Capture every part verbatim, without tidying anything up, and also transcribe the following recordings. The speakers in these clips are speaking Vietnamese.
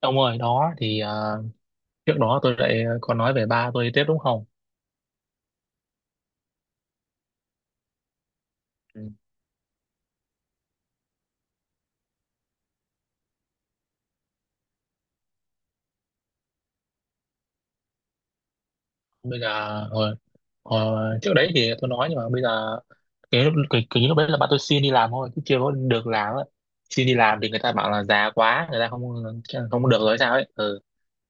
Ông ơi, đó thì ờ, trước đó tôi lại có nói về ba tôi đi tiếp đúng không? Ừ. Bây giờ hồi, hồi, trước đấy thì tôi nói nhưng mà bây giờ cái lúc cái, cái lúc đấy là ba tôi xin đi làm thôi chứ chưa có được làm ấy. Xin đi làm thì người ta bảo là già quá, người ta không không được rồi sao ấy. Ừ.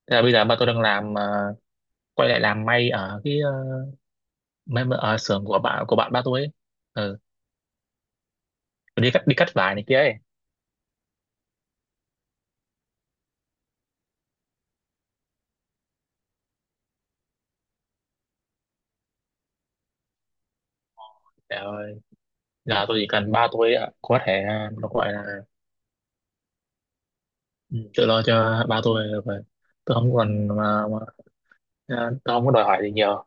Thế là bây giờ ba tôi đang làm ờ, quay lại làm may ở cái ờ, may ở xưởng của bạn của bạn ba tôi ấy. Ừ. Đi cắt đi cắt vải này kia ấy. Trời ơi, giờ tôi chỉ cần ba tôi ờ, có thể ờ, nó gọi là Ừ, tự lo cho ba tôi là vậy tôi không còn mà, mà à, tôi không có đòi hỏi gì nhiều.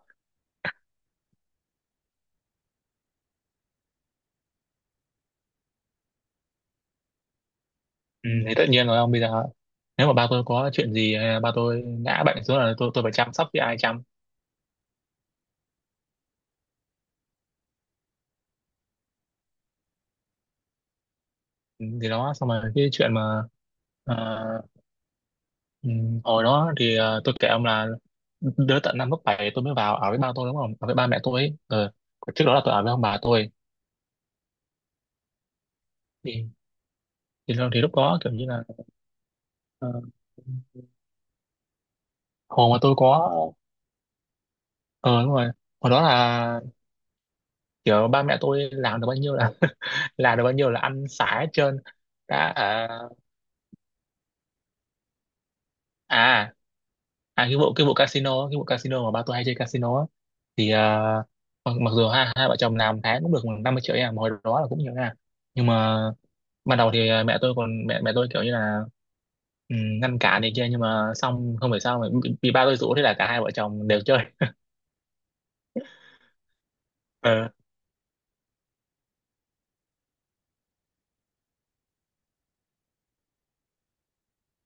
Ừ, thì tất nhiên rồi ông bây giờ nếu mà ba tôi có chuyện gì hay là ba tôi ngã bệnh xuống là tôi tôi phải chăm sóc với ai chăm. Ừ, thì đó xong rồi cái chuyện mà à, ừ, hồi đó thì à, tôi kể ông là đứa tận năm lớp bảy tôi mới vào ở với ba tôi đúng không ở với ba mẹ tôi ấy. Ừ, trước đó là tôi ở với ông bà tôi thì thì, thì lúc đó kiểu như là ờ, hồi mà tôi có ờ đúng rồi. Hồi đó là kiểu ba mẹ tôi làm được bao nhiêu là là được bao nhiêu là ăn xả hết trơn đã à, à à cái vụ cái vụ casino cái vụ casino mà ba tôi hay chơi casino á thì à, mặc, mặc dù hai hai vợ chồng làm tháng cũng được khoảng năm mươi triệu nha mà hồi đó là cũng nhiều nha. Nhưng mà ban đầu thì à, mẹ tôi còn mẹ mẹ tôi kiểu như là ừ, ngăn cản này kia nhưng mà xong không phải sao mà bị, bị ba tôi rủ thế là cả hai vợ chồng đều chơi. Ờ,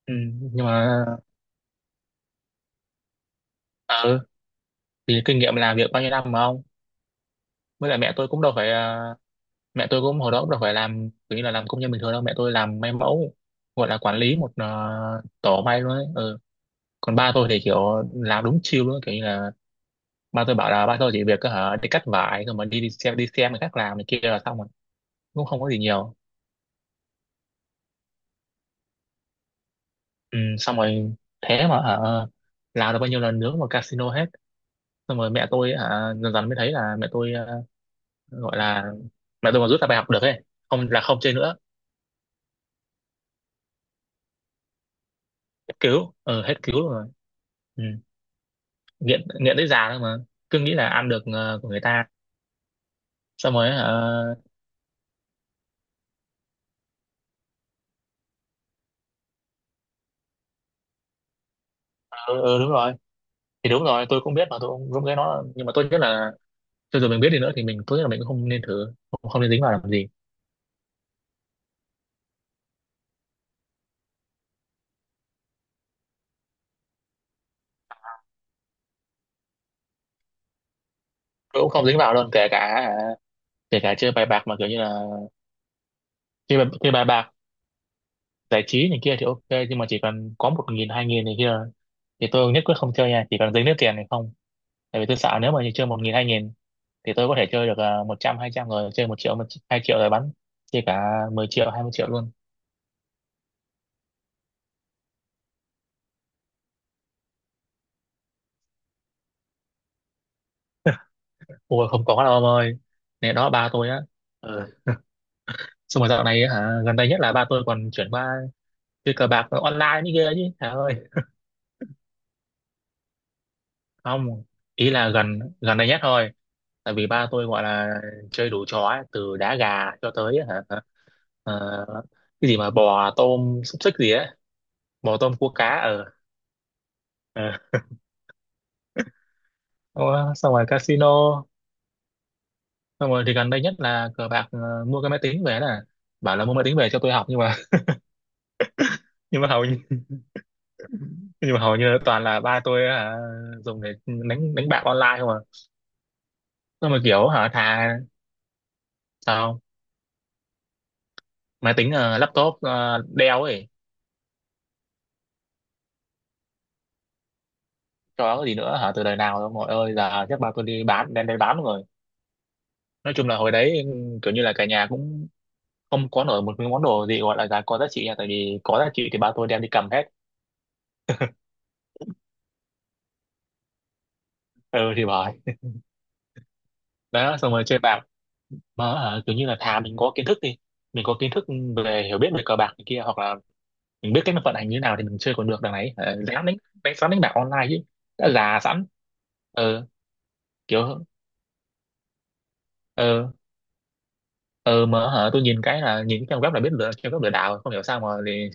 ừ, nhưng mà ờ, thì kinh nghiệm làm việc bao nhiêu năm mà không với lại mẹ tôi cũng đâu phải à, mẹ tôi cũng hồi đó cũng đâu phải làm kiểu như là làm công nhân bình thường đâu mẹ tôi làm may mẫu gọi là quản lý một ờ, tổ may luôn ấy. Ừ, còn ba tôi thì kiểu làm đúng chill luôn kiểu như là ba tôi bảo là ba tôi chỉ việc có hả đi cắt vải rồi mà đi đi xem đi xem người khác làm này kia là xong rồi cũng không có gì nhiều. Ừ, xong rồi thế mà hả làm được bao nhiêu lần nướng vào casino hết xong rồi mẹ tôi hả dần dần mới thấy là mẹ tôi ờ, gọi là mẹ tôi mà rút ra bài học được ấy không là không chơi nữa hết cứu. Ừ, hết cứu luôn rồi. Ừ. Nghiện nghiện tới già thôi mà cứ nghĩ là ăn được ờ, của người ta xong rồi hả, ờ, ừ, ừ, đúng rồi thì đúng rồi tôi cũng biết mà tôi cũng cũng cái nó là- nhưng mà tôi biết là cho dù mình biết đi nữa thì mình tôi nghĩ là mình cũng không nên thử không, không nên dính vào làm gì. Tôi cũng không dính vào luôn kể cả kể cả chơi bài bạc mà kiểu như là chơi bài, chơi bài bạc giải trí này kia thì ok nhưng mà chỉ cần có một nghìn hai nghìn này kia thì tôi nhất quyết không chơi nha chỉ cần dính nước tiền này không tại vì tôi sợ nếu mà như chơi một nghìn hai nghìn thì tôi có thể chơi được ờ, một trăm hai trăm rồi chơi một triệu một hai triệu rồi bắn chơi cả mười triệu hai mươi triệu luôn. Ôi không có đâu ông ơi này đó ba tôi á. Ờ, xong rồi dạo này á hả gần đây nhất là ba tôi còn chuyển qua chơi cờ bạc online như kia chứ hả ơi không ý là gần gần đây nhất thôi tại vì ba tôi gọi là chơi đủ trò ấy, từ đá gà cho tới hả ờ, cái gì mà bò tôm xúc xích gì ấy bò tôm cua cá ở ờ. Ờ, xong rồi casino xong rồi thì gần đây nhất là cờ bạc ờ, mua cái máy tính về nè bảo là mua máy tính về cho tôi học nhưng mà nhưng mà hầu như nhưng mà hầu như toàn là ba tôi hả, dùng để đánh đánh bạc online không à xong rồi kiểu hả thà sao máy tính ờ, laptop uh, Dell ấy cho cái gì nữa hả từ đời nào đâu mọi ơi giờ chắc ba tôi đi bán đem đi bán rồi. Nói chung là hồi đấy kiểu như là cả nhà cũng không có nổi một cái món đồ gì gọi là giá có giá trị nha tại vì có giá trị thì ba tôi đem đi cầm hết. Ừ thì bởi đó xong rồi chơi bạc mà ờ, kiểu như là thà mình có kiến thức đi mình có kiến thức về hiểu biết về cờ bạc này kia hoặc là mình biết cách nó vận hành như thế nào thì mình chơi còn được đằng này ờ, dám đánh đánh sẵn đánh bạc online chứ đã già sẵn ờ kiểu ờ ờ mà hả tôi nhìn cái là nhìn cái trang web là biết lừa trang web lừa đảo rồi. Không hiểu sao mà thì,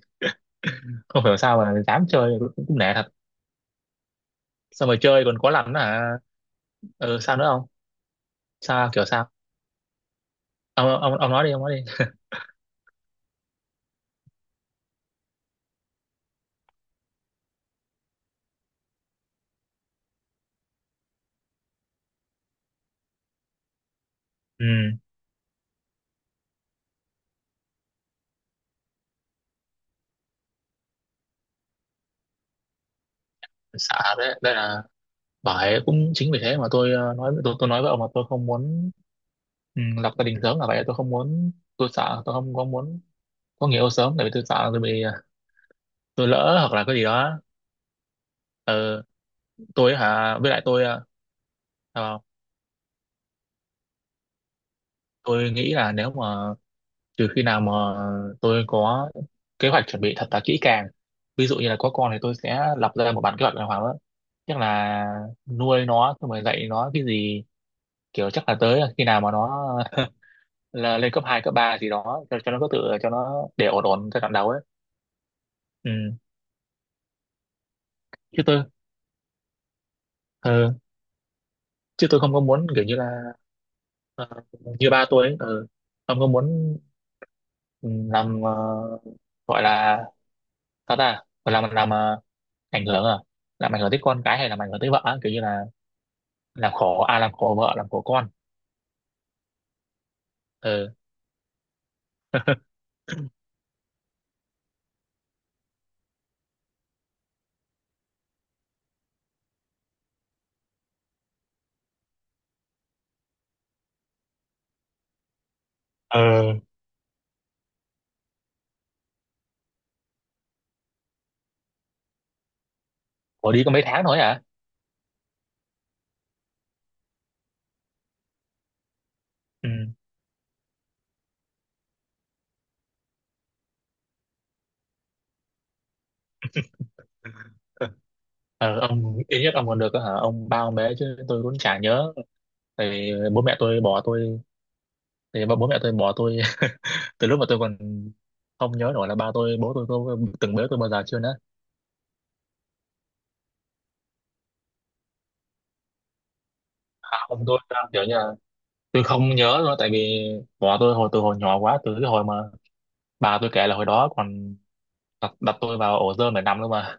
không hiểu sao mà dám chơi cũng, cũng nể thật xong rồi chơi còn có làm nữa hả ờ sao nữa không sao kiểu sao ông ông ông nói đi ông nói đi. Ừ sợ đấy đây là bởi cũng chính vì thế mà tôi ờ, nói tôi, tôi nói với ông là tôi không muốn ừ, lập gia đình sớm là vậy tôi không muốn tôi sợ tôi không có muốn có người yêu sớm tại vì tôi sợ là tôi bị ờ, tôi lỡ hoặc là cái gì đó. Ừ, tôi hả với lại tôi ờ, sao không? Tôi nghĩ là nếu mà trừ khi nào mà tôi có kế hoạch chuẩn bị thật là kỹ càng ví dụ như là có con thì tôi sẽ lập ra một bản kế hoạch đàng hoàng đó chắc là nuôi nó xong rồi dạy nó cái gì kiểu chắc là tới khi nào mà nó là lên cấp hai cấp ba gì đó cho, cho nó có tự cho nó để ổn ổn giai đoạn đầu ấy. Ừ, chứ tôi ờ, chứ tôi không có muốn kiểu như là ờ, như ba tôi ấy ờ, không có muốn ừ, làm ờ, gọi là sao ta gọi làm làm ờ, ảnh hưởng à làm ảnh hưởng tới con cái hay làm ảnh hưởng tới vợ á, kiểu như là làm khổ à làm khổ vợ làm khổ con ờ ờ khổ đi có mấy tháng thôi à. Ừ. Ờ ông ít nhất ông còn được hả ông bao mấy chứ tôi cũng chả nhớ thì bố mẹ tôi bỏ tôi thì bố bố mẹ tôi bỏ tôi từ lúc mà tôi còn không nhớ nổi là ba tôi bố tôi có từng bế tôi bao giờ chưa nữa à, không tôi à, kiểu như là tôi không nhớ nữa tại vì bỏ tôi hồi từ hồi nhỏ quá từ cái hồi mà bà tôi kể là hồi đó còn đặt, đặt tôi vào ổ rơm để nằm luôn mà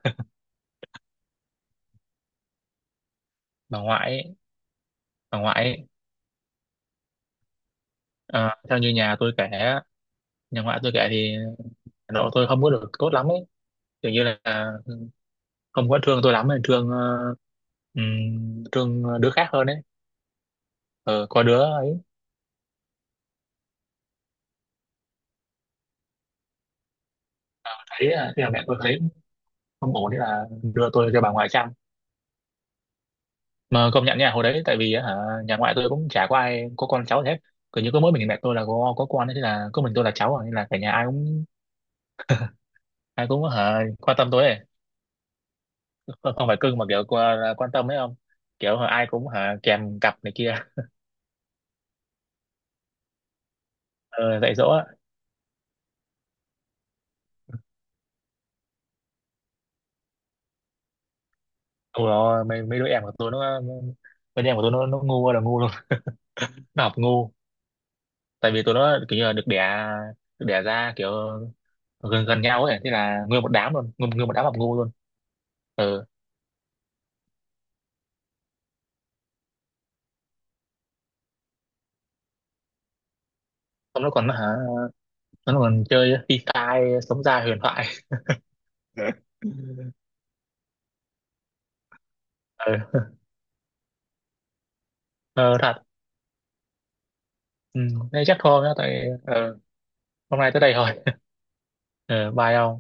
bà ngoại ấy, bà ngoại ấy, à, theo như nhà tôi kể á, nhà ngoại tôi kể thì độ tôi không có được tốt lắm ấy kiểu như là không có thương tôi lắm thương ờ, ừm, thương đứa khác hơn ấy. Ờ, có đứa thấy à, thế là mẹ tôi thấy không ổn thế là đưa tôi cho bà ngoại chăm mà công nhận nha hồi đấy tại vì á, hả, nhà ngoại tôi cũng chả có ai có con cháu gì hết cứ như có mỗi mình mẹ tôi là có có con ấy, thế là có mình tôi là cháu à, nên là cả nhà ai cũng ai cũng hả, quan tâm tôi ấy. Không không phải cưng mà kiểu qua- quan tâm ấy không kiểu hả, ai cũng hả, kèm cặp này kia ờ, dạy dỗ á. Ôi rồi mấy, mấy đứa em của tôi nó mấy đứa em của tôi nó nó ngu ơi là ngu luôn nó học ngu tại vì tụi nó kiểu như là được đẻ được đẻ ra kiểu gần gần nhau ấy thế là nguyên một đám luôn nguyên, nguyên một đám học ngu luôn. Ừ xong nó còn hả nó còn chơi phi tai sống ra huyền thoại ừ, ờ, thật. Ừ. Thế chắc thôi nhá tại ờ, hôm nay tới đây thôi. Ừ, bye ông.